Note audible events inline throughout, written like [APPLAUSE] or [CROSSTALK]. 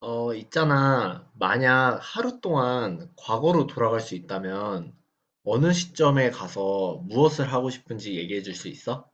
있잖아. 만약 하루 동안 과거로 돌아갈 수 있다면 어느 시점에 가서 무엇을 하고 싶은지 얘기해 줄 수 있어?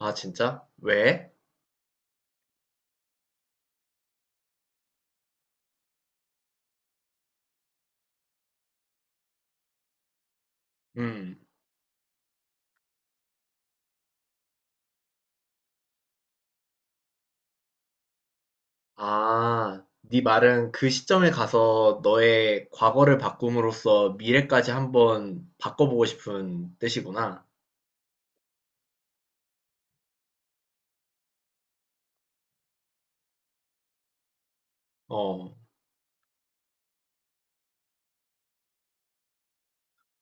아, 진짜? 왜? 음. 아, 네 말은 그 시점에 가서 너의 과거를 바꿈으로써 미래까지 한번 바꿔보고 싶은 뜻이구나. 어,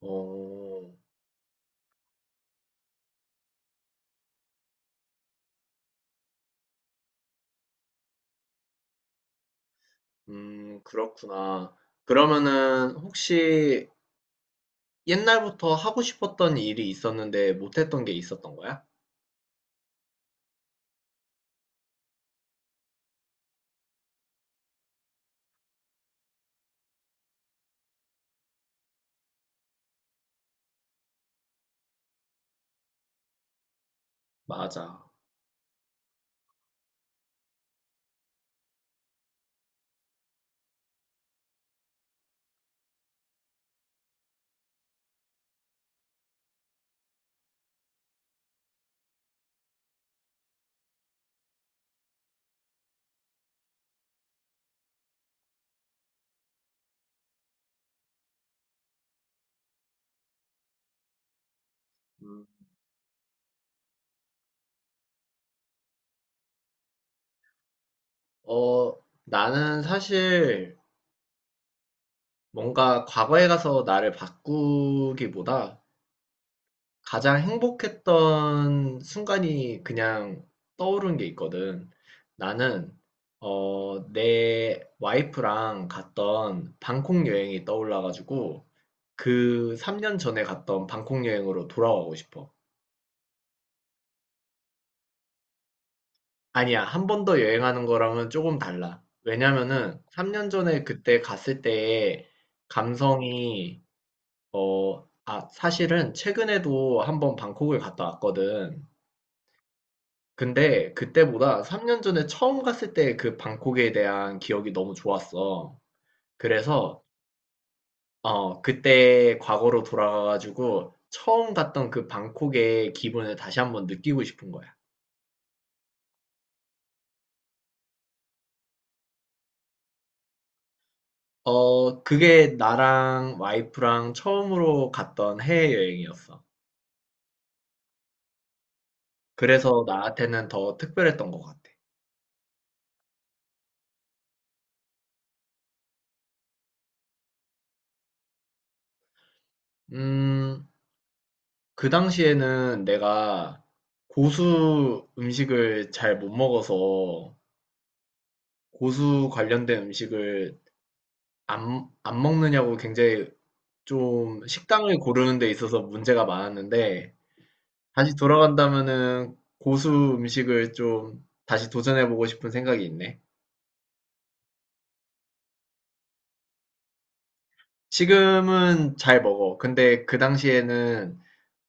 어, 그렇구나. 그러면은 혹시 옛날부터 하고 싶었던 일이 있었는데 못했던 게 있었던 거야? 맞아. 음. 어, 나는 사실 뭔가 과거에 가서 나를 바꾸기보다 가장 행복했던 순간이 그냥 떠오른 게 있거든. 나는, 내 와이프랑 갔던 방콕 여행이 떠올라가지고 그 3년 전에 갔던 방콕 여행으로 돌아가고 싶어. 아니야. 한 번 더 여행하는 거랑은 조금 달라. 왜냐면은 3년 전에 그때 갔을 때의 감성이 어, 아, 사실은 최근에도 한번 방콕을 갔다 왔거든. 근데 그때보다 3년 전에 처음 갔을 때 그 방콕에 대한 기억이 너무 좋았어. 그래서 그때 과거로 돌아가가지고 처음 갔던 그 방콕의 기분을 다시 한번 느끼고 싶은 거야. 어, 그게 나랑 와이프랑 처음으로 갔던 해외여행이었어. 그래서 나한테는 더 특별했던 것 같아. 음, 그 당시에는 내가 고수 음식을 잘 못 먹어서 고수 관련된 음식을 안 먹느냐고 굉장히 좀 식당을 고르는 데 있어서 문제가 많았는데 다시 돌아간다면은 고수 음식을 좀 다시 도전해보고 싶은 생각이 있네. 지금은 잘 먹어. 근데 그 당시에는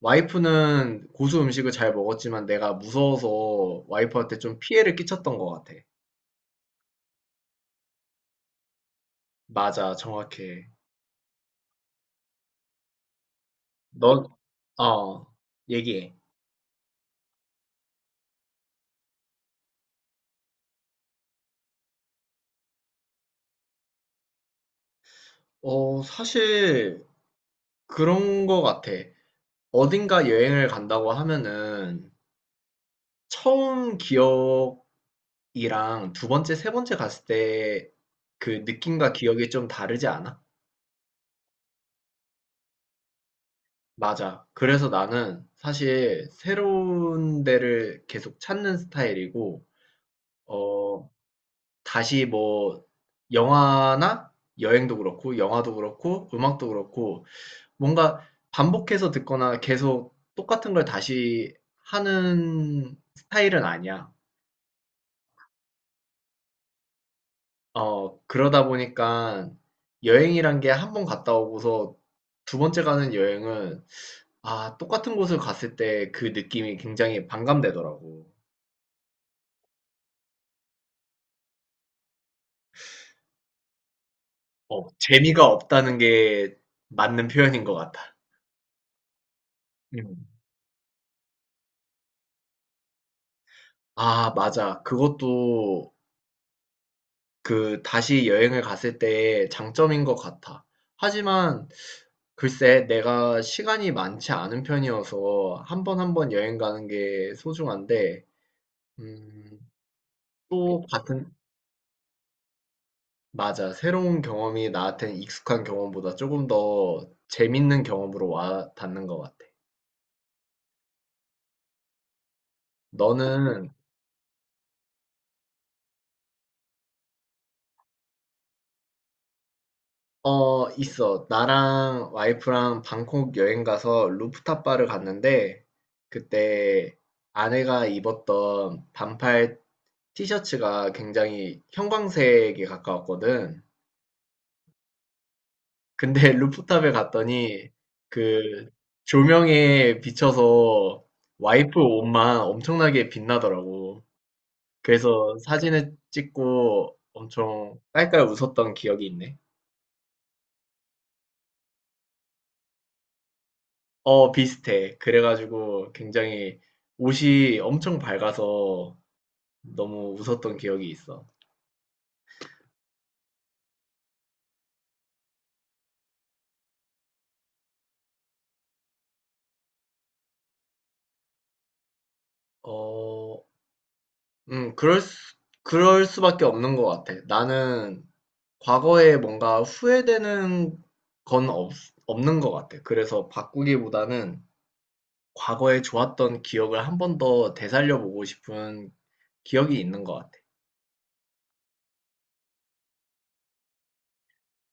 와이프는 고수 음식을 잘 먹었지만 내가 무서워서 와이프한테 좀 피해를 끼쳤던 것 같아. 맞아, 정확해. 넌, 어, 얘기해. 사실 그런 것 같아. 어딘가 여행을 간다고 하면은 처음 기억이랑 두 번째, 세 번째 갔을 때 그 느낌과 기억이 좀 다르지 않아? 맞아. 그래서 나는 사실 새로운 데를 계속 찾는 스타일이고, 어, 다시 뭐, 영화나 여행도 그렇고, 영화도 그렇고, 음악도 그렇고, 뭔가 반복해서 듣거나 계속 똑같은 걸 다시 하는 스타일은 아니야. 그러다 보니까 여행이란 게 한 번 갔다 오고서 두 번째 가는 여행은, 아, 똑같은 곳을 갔을 때 그 느낌이 굉장히 반감되더라고. 어, 재미가 없다는 게 맞는 표현인 것 같아. 음. 아, 맞아. 그것도 그 다시 여행을 갔을 때의 장점인 것 같아. 하지만 글쎄, 내가 시간이 많지 않은 편이어서 한번 한번 여행 가는 게 소중한데, 음, 또 같은, 맞아. 새로운 경험이 나한테는 익숙한 경험보다 조금 더 재밌는 경험으로 와 닿는 것 같아. 너는 어, 있어. 나랑 와이프랑 방콕 여행 가서 루프탑 바를 갔는데, 그때 아내가 입었던 반팔 티셔츠가 굉장히 형광색에 가까웠거든. 근데 [LAUGHS] 루프탑에 갔더니 그 조명에 비춰서 와이프 옷만 엄청나게 빛나더라고. 그래서 사진을 찍고 엄청 깔깔 웃었던 기억이 있네. 어, 비슷해. 그래가지고 굉장히 옷이 엄청 밝아서 너무 웃었던 기억이 있어. 어, 음, 그럴 수, 그럴 수밖에 없는 것 같아. 나는 과거에 뭔가 후회되는 건 없, 없는 것 같아. 그래서 바꾸기보다는 과거에 좋았던 기억을 한 번 더 되살려보고 싶은 기억이 있는 것 같아.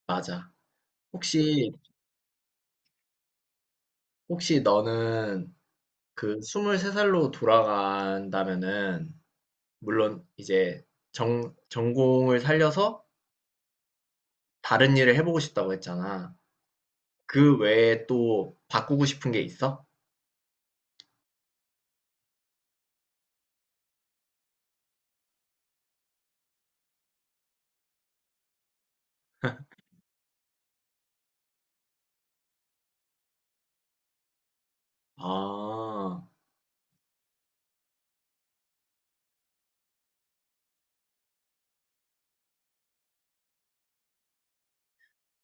맞아. 혹시, 혹시 너는 그 23살로 돌아간다면은 물론 이제 전공을 살려서 다른 일을 해보고 싶다고 했잖아. 그 외에 또 바꾸고 싶은 게 있어? 아,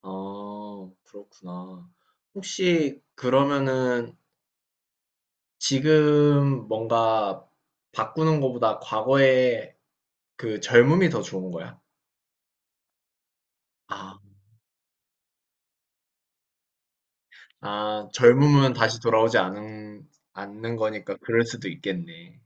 아, 그렇구나. 혹시 그러면은 지금 뭔가 바꾸는 것보다 과거에 그 젊음이 더 좋은 거야? 아, 젊음은 다시 돌아오지 않는 거니까 그럴 수도 있겠네.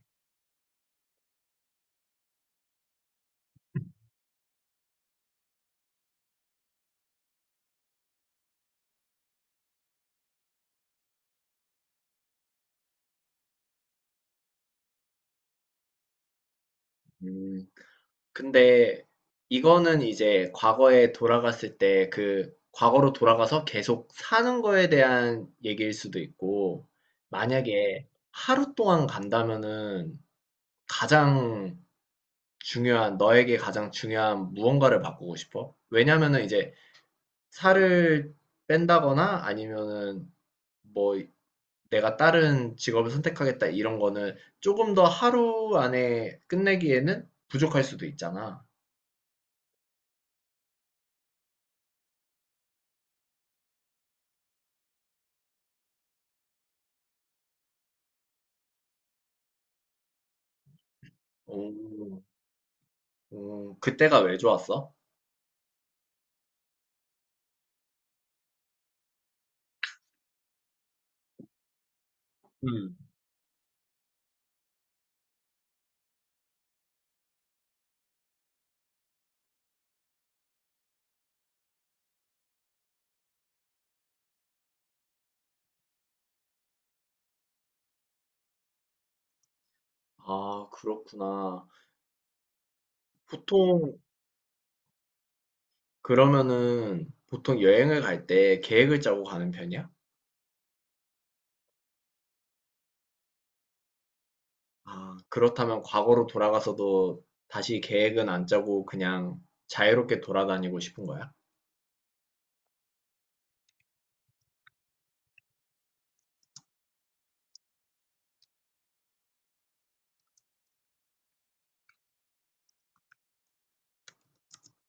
음. 근데 이거는 이제 과거에 돌아갔을 때 그 과거로 돌아가서 계속 사는 거에 대한 얘기일 수도 있고, 만약에 하루 동안 간다면은 가장 너에게 가장 중요한 무언가를 바꾸고 싶어? 왜냐면은 이제 살을 뺀다거나 아니면은 뭐 내가 다른 직업을 선택하겠다 이런 거는 조금 더 하루 안에 끝내기에는 부족할 수도 있잖아. 오. 어, 그때가 왜 좋았어? 음. 아, 그렇구나. 보통, 그러면은, 보통 여행을 갈 때 계획을 짜고 가는 편이야? 아, 그렇다면 과거로 돌아가서도 다시 계획은 안 짜고 그냥 자유롭게 돌아다니고 싶은 거야?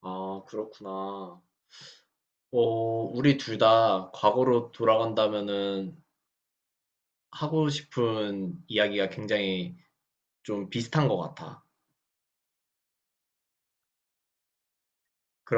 아, 그렇구나. 어, 우리 둘 다 과거로 돌아간다면은 하고 싶은 이야기가 굉장히 좀 비슷한 것 같아.